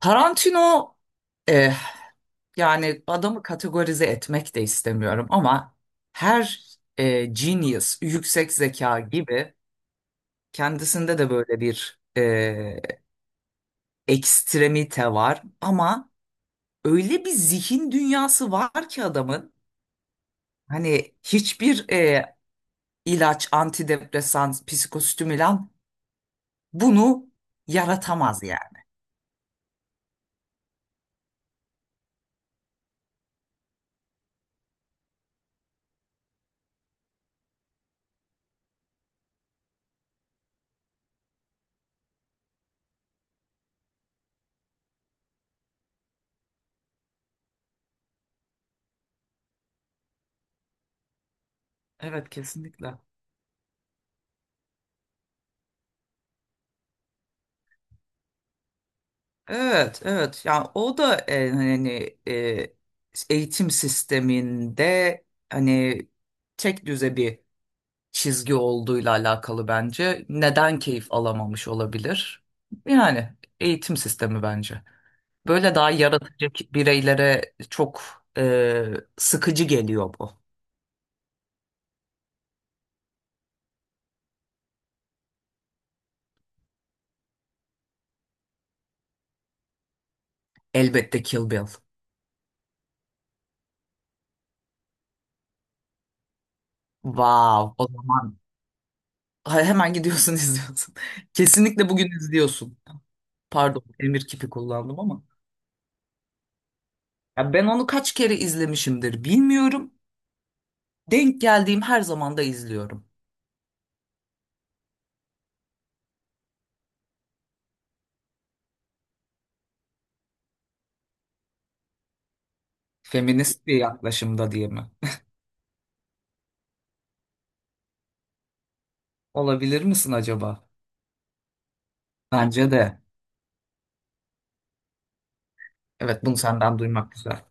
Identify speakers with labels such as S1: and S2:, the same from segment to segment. S1: Tarantino, eh, yani adamı kategorize etmek de istemiyorum ama her genius, yüksek zeka gibi kendisinde de böyle bir ekstremite var ama öyle bir zihin dünyası var ki adamın hani hiçbir ilaç, antidepresan, psikostimülan bunu yaratamaz yani. Evet, kesinlikle. Evet, evet, yani o da hani eğitim sisteminde, hani tek düze bir çizgi olduğuyla alakalı bence. Neden keyif alamamış olabilir? Yani eğitim sistemi bence. Böyle daha yaratıcı bireylere çok sıkıcı geliyor bu. Elbette Kill Bill. Wow, o zaman. Ha, hemen gidiyorsun izliyorsun. Kesinlikle bugün izliyorsun. Pardon, emir kipi kullandım ama. Ya, ben onu kaç kere izlemişimdir bilmiyorum. Denk geldiğim her zaman da izliyorum. Feminist bir yaklaşımda diye mi? Olabilir misin acaba? Bence de. Evet, bunu senden duymak güzel.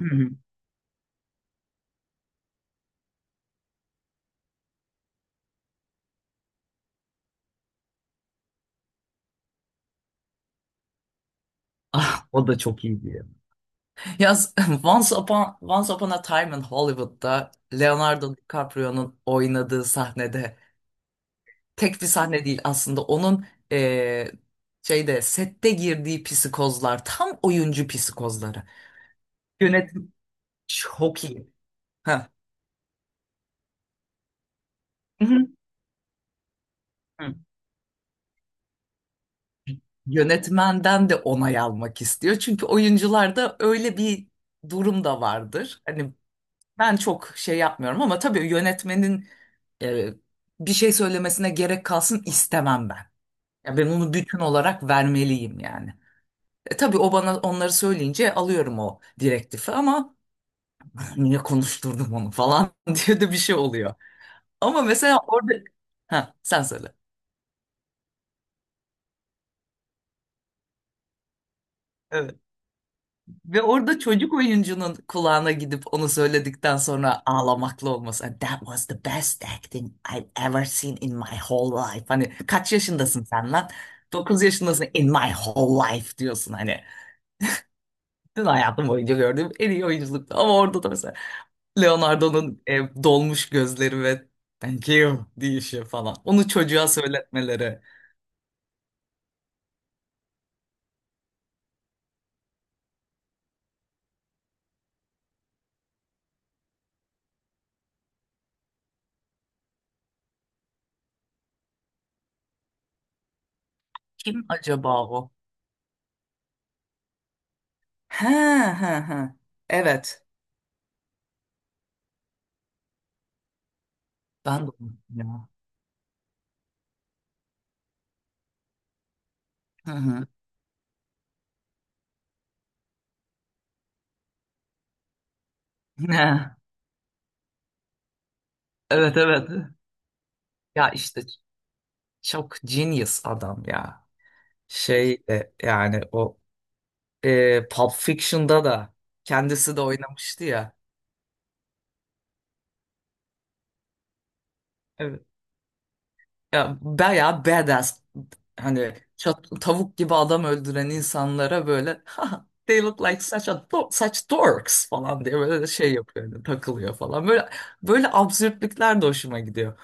S1: Hı hı. Ah, o da çok iyi diyor. Ya, Once Upon a Time in Hollywood'da Leonardo DiCaprio'nun oynadığı sahnede tek bir sahne değil aslında onun şeyde sette girdiği psikozlar tam oyuncu psikozları. Yönetim çok iyi. Ha. Hı hı. Hı. Yönetmenden de onay almak istiyor. Çünkü oyuncularda öyle bir durum da vardır. Hani ben çok şey yapmıyorum ama tabii yönetmenin e, bir şey söylemesine gerek kalsın istemem ben. Ya, ben onu bütün olarak vermeliyim yani. E, tabii o bana onları söyleyince alıyorum o direktifi ama niye konuşturdum onu falan diye de bir şey oluyor. Ama mesela orada... Ha, sen söyle. Ve orada çocuk oyuncunun kulağına gidip onu söyledikten sonra ağlamaklı olması. "And that was the best acting I've ever seen in my whole life." Hani kaç yaşındasın sen lan? 9 yaşındasın, in my whole life diyorsun hani. Bütün hayatım boyunca gördüğüm en iyi oyunculuktu. Ama orada da mesela Leonardo'nun dolmuş gözleri ve thank you deyişi falan. Onu çocuğa söyletmeleri. Kim acaba o? He he he. Evet. Ben de onu ya. Hı hı. Evet, evet. Ya işte çok genius adam ya. Şey yani o Pulp Fiction'da da kendisi de oynamıştı ya. Evet. Ya, bayağı badass. Hani tavuk gibi adam öldüren insanlara böyle "Ha, they look like such dorks" falan diye böyle de şey yapıyor. Hani takılıyor falan. Böyle böyle absürtlükler de hoşuma gidiyor.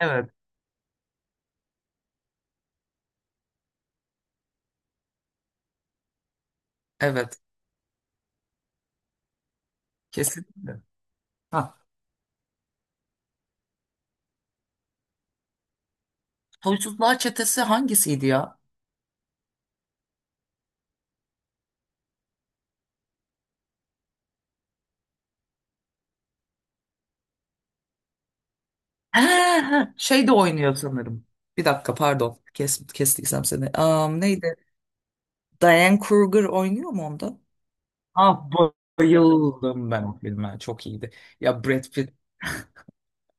S1: Evet. Evet. Kesinlikle. Ha, Huysuzlar Çetesi hangisiydi ya? Ha, ha. Şey de oynuyor sanırım. Bir dakika, pardon. Kestiysem seni. Neydi? Diane Kruger oynuyor mu onda? Ah, bayıldım ben o filme. Çok iyiydi. Ya Brad Pitt.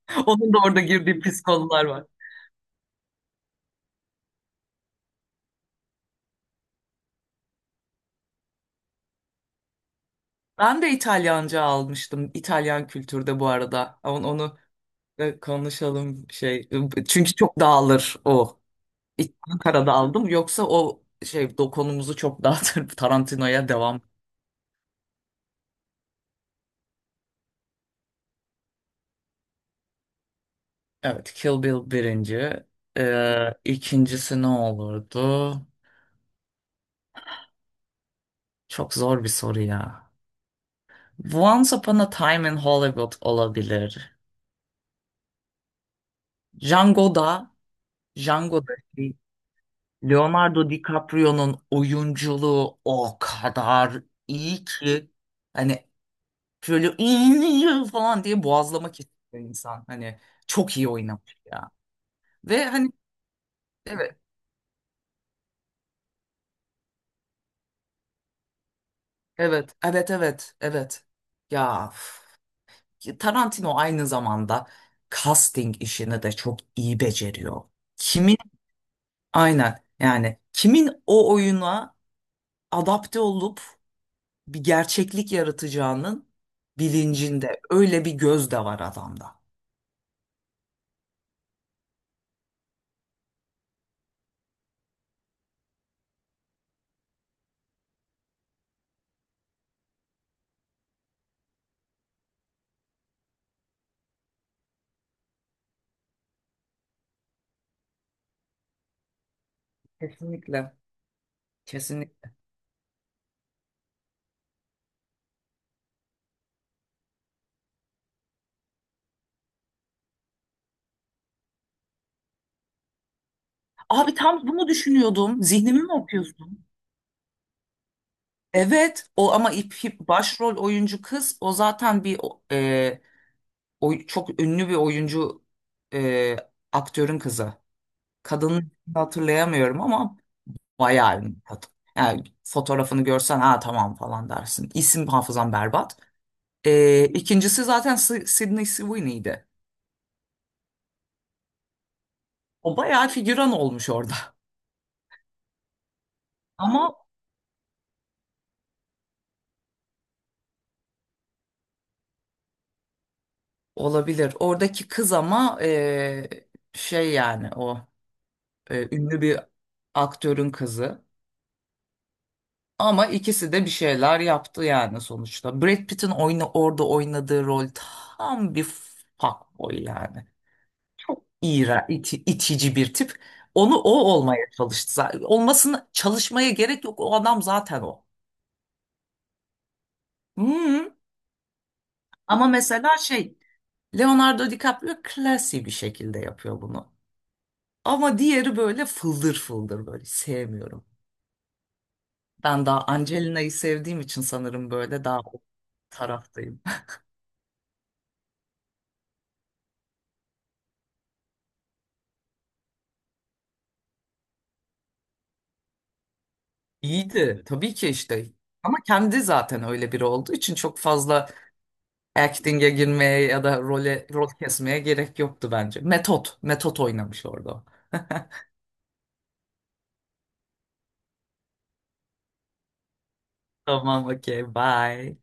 S1: Onun da orada girdiği pis konular var. Ben de İtalyanca almıştım. İtalyan kültürde bu arada. Onu konuşalım şey. Çünkü çok dağılır o. İtalyan karada aldım. Yoksa o şey dokunumuzu çok dağıtır. Tarantino'ya devam. Evet, Kill Bill birinci. İkincisi ne olurdu? Çok zor bir soru ya. Once Upon a Time in Hollywood olabilir. Django'da, Django'da şey, Leonardo DiCaprio'nun oyunculuğu o kadar iyi ki hani şöyle "İyi" falan diye boğazlamak istiyor insan. Hani çok iyi oynamış ya. Ve hani evet, evet, evet, evet, evet. Ya, üf. Tarantino aynı zamanda casting işini de çok iyi beceriyor. Kimin, aynen yani kimin o oyuna adapte olup bir gerçeklik yaratacağının bilincinde. Öyle bir göz de var adamda. Kesinlikle. Kesinlikle. Abi, tam bunu düşünüyordum. Zihnimi mi okuyorsun? Evet o ama başrol oyuncu kız o zaten bir o- e, oy- çok ünlü bir oyuncu e, aktörün kızı. Kadını hatırlayamıyorum ama bayağı ünlü kadın. Yani fotoğrafını görsen ha tamam falan dersin. İsim hafızam berbat. E, ikincisi zaten Sydney Sweeney'di. O bayağı figüran olmuş orada. Ama olabilir. Oradaki kız ama şey yani o ünlü bir aktörün kızı. Ama ikisi de bir şeyler yaptı yani sonuçta. Brad Pitt'in orada oynadığı rol tam bir fuckboy yani. Çok iğrenç, itici bir tip. Onu o olmaya çalıştı zaten. Olmasını çalışmaya gerek yok. O adam zaten o. Hı. Ama mesela şey, Leonardo DiCaprio klasi bir şekilde yapıyor bunu. Ama diğeri böyle fıldır fıldır, böyle sevmiyorum. Ben daha Angelina'yı sevdiğim için sanırım böyle daha o taraftayım. İyiydi tabii ki işte. Ama kendi zaten öyle biri olduğu için çok fazla acting'e girmeye ya da role rol kesmeye gerek yoktu bence. Metot oynamış orada. O. Tamam, okey, bye.